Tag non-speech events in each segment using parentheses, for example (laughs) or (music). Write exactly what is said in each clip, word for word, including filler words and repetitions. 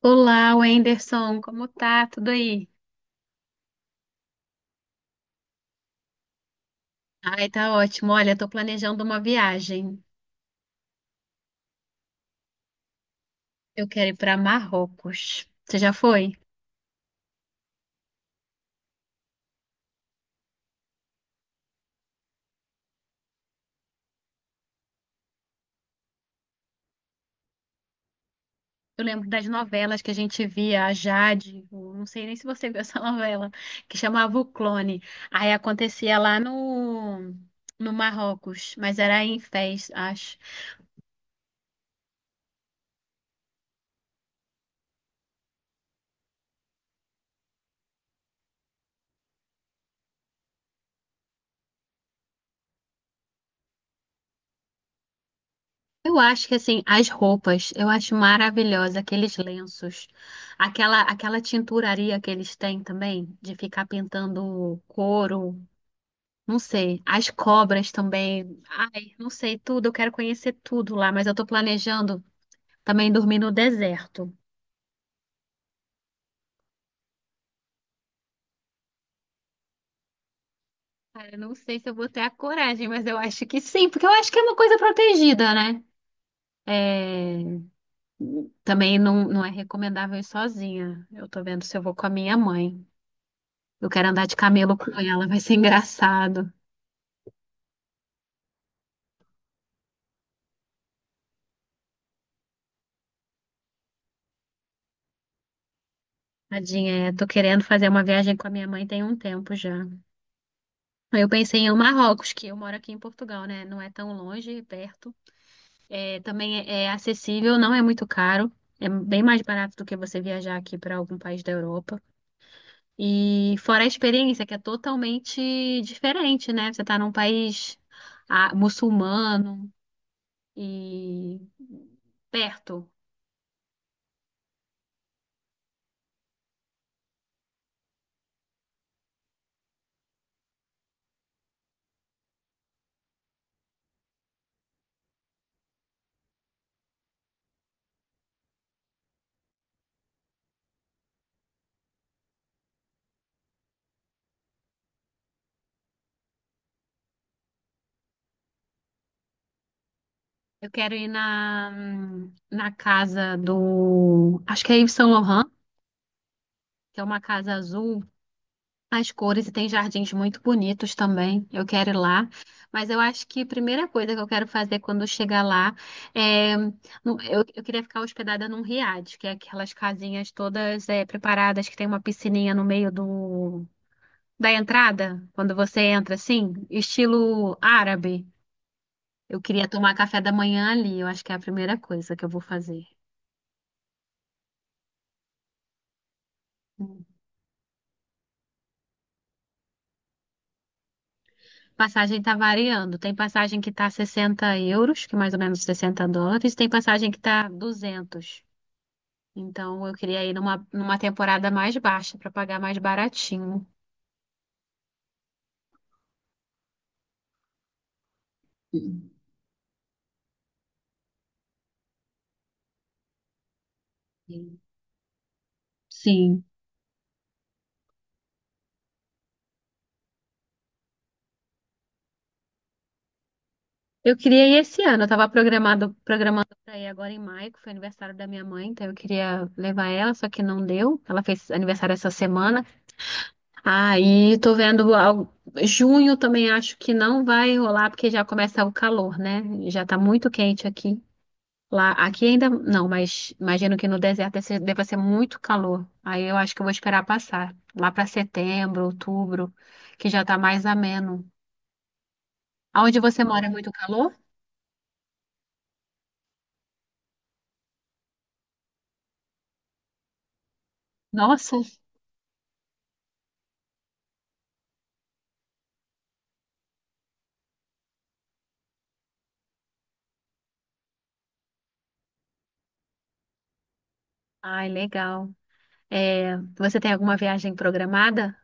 Olá, Wenderson, como tá? Tudo aí? Ai, tá ótimo. Olha, tô planejando uma viagem. Eu quero ir para Marrocos. Você já foi? Eu lembro das novelas que a gente via, a Jade, eu não sei nem se você viu essa (laughs) novela, que chamava O Clone. Aí acontecia lá no, no Marrocos, mas era em Fez, acho. Eu acho que assim, as roupas, eu acho maravilhosa aqueles lenços, aquela aquela tinturaria que eles têm também, de ficar pintando couro, não sei, as cobras também. Ai, não sei tudo, eu quero conhecer tudo lá, mas eu tô planejando também dormir no deserto. Cara, eu não sei se eu vou ter a coragem, mas eu acho que sim, porque eu acho que é uma coisa protegida, né? É, também não, não é recomendável ir sozinha. Eu tô vendo se eu vou com a minha mãe. Eu quero andar de camelo com ela, vai ser engraçado. Tadinha, é, tô querendo fazer uma viagem com a minha mãe tem um tempo já. Eu pensei em Marrocos, que eu moro aqui em Portugal, né? Não é tão longe, é perto. É, também é, é acessível, não é muito caro. É bem mais barato do que você viajar aqui para algum país da Europa. E fora a experiência, que é totalmente diferente, né? Você tá num país, ah, muçulmano e perto. Eu quero ir na, na casa do. Acho que é Yves Saint Laurent, que é uma casa azul, as cores e tem jardins muito bonitos também. Eu quero ir lá. Mas eu acho que a primeira coisa que eu quero fazer quando eu chegar lá é. no- Eu, eu queria ficar hospedada num riad, que é aquelas casinhas todas é, preparadas que tem uma piscininha no meio do, da entrada, quando você entra assim, estilo árabe. Eu queria tomar café da manhã ali. Eu acho que é a primeira coisa que eu vou fazer. Passagem tá variando. Tem passagem que tá sessenta euros, que é mais ou menos sessenta dólares, tem passagem que tá duzentos. Então eu queria ir numa, numa temporada mais baixa para pagar mais baratinho. Hum. Sim. Sim. Eu queria ir esse ano. Eu tava programado, programando para ir agora em maio, que foi aniversário da minha mãe, então eu queria levar ela, só que não deu. Ela fez aniversário essa semana. Aí tô vendo algo- Junho também acho que não vai rolar, porque já começa o calor, né? Já tá muito quente aqui. Lá, aqui ainda não, mas imagino que no deserto deve ser, deva ser muito calor. Aí eu acho que eu vou esperar passar. Lá para setembro, outubro, que já tá mais ameno. Aonde você mora é muito calor? Nossa! Ai, legal. É, você tem alguma viagem programada?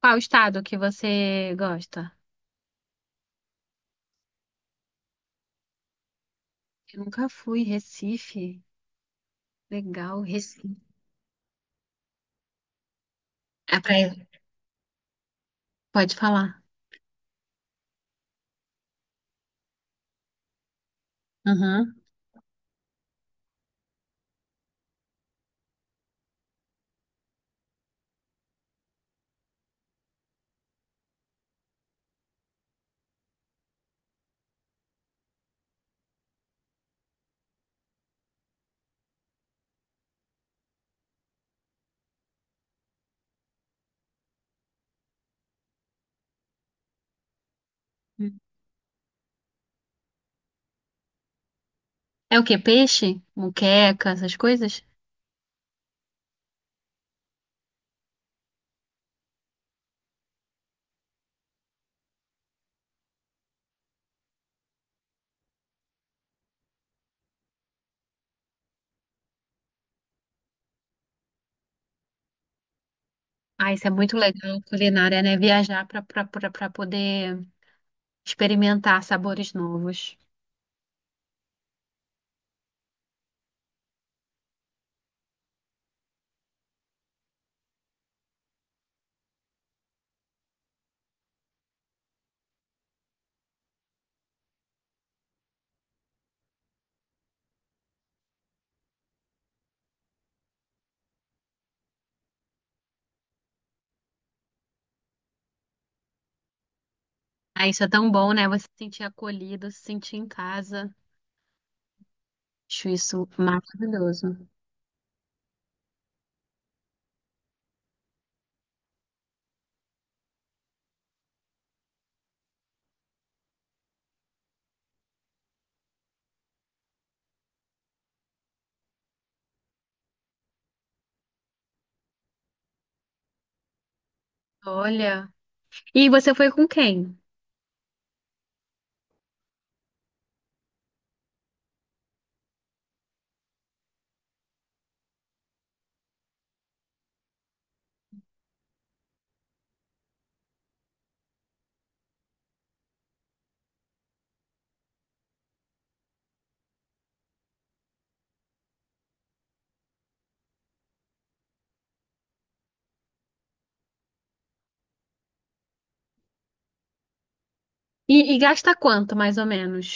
Qual estado que você gosta? Eu nunca fui, Recife. Legal, Recife. É praia. Pode falar. Uhum. É o quê? Peixe? Muqueca, essas coisas? Ah, isso é muito legal, culinária, né? Viajar para poder experimentar sabores novos. Ah, isso é tão bom, né? Você se sentir acolhido, se sentir em casa. Acho isso maravilhoso. Olha. E você foi com quem? E, e gasta quanto, mais ou menos?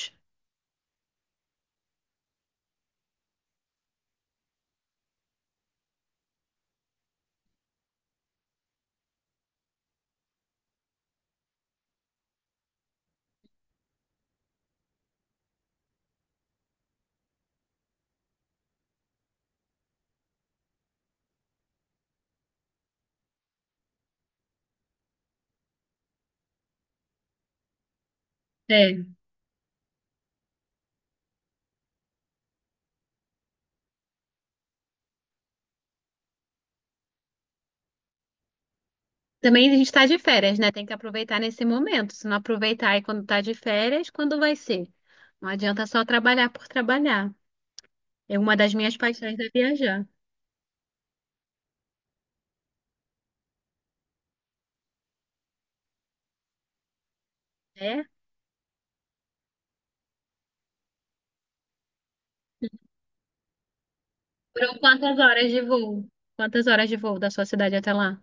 É. Também a gente tá de férias, né? Tem que aproveitar nesse momento. Se não aproveitar aí quando tá de férias, quando vai ser? Não adianta só trabalhar por trabalhar. É uma das minhas paixões é viajar. É? Foram quantas horas de voo? Quantas horas de voo da sua cidade até lá?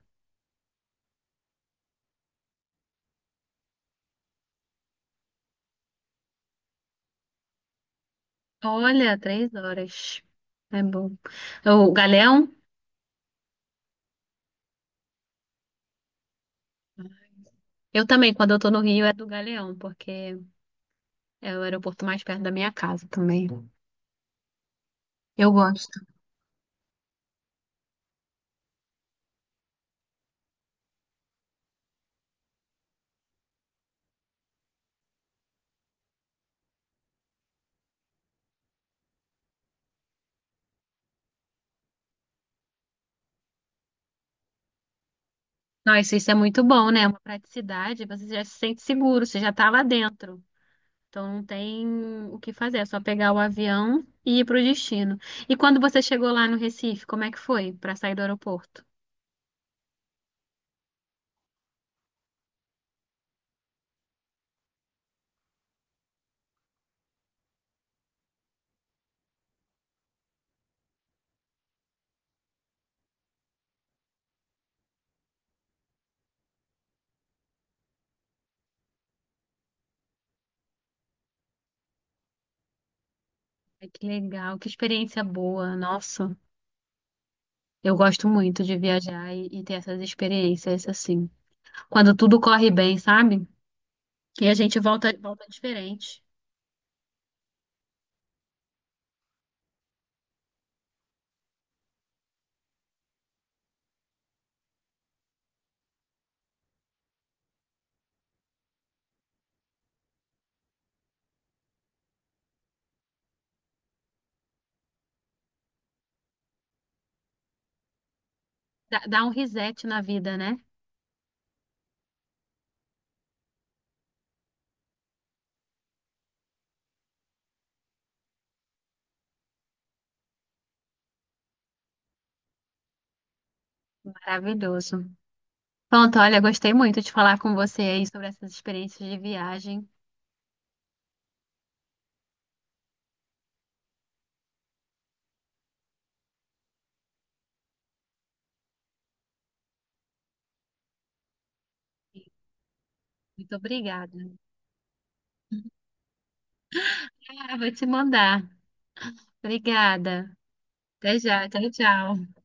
Olha, três horas. É bom. O Galeão? Eu também, quando eu tô no Rio, é do Galeão, porque é o aeroporto mais perto da minha casa também. Eu gosto. Nossa, isso é muito bom, né? É uma praticidade, você já se sente seguro, você já tá lá dentro. Então não tem o que fazer, é só pegar o avião e ir pro destino. E quando você chegou lá no Recife, como é que foi para sair do aeroporto? Ai, que legal, que experiência boa, nossa. Eu gosto muito de viajar e, e ter essas experiências assim. Quando tudo corre bem, sabe? E a gente volta, volta diferente. Dá, dá um reset na vida, né? Maravilhoso. Pronto, olha, gostei muito de falar com você aí sobre essas experiências de viagem. Muito obrigada. Ah, vou te mandar. Obrigada. Até já. Tchau, tchau.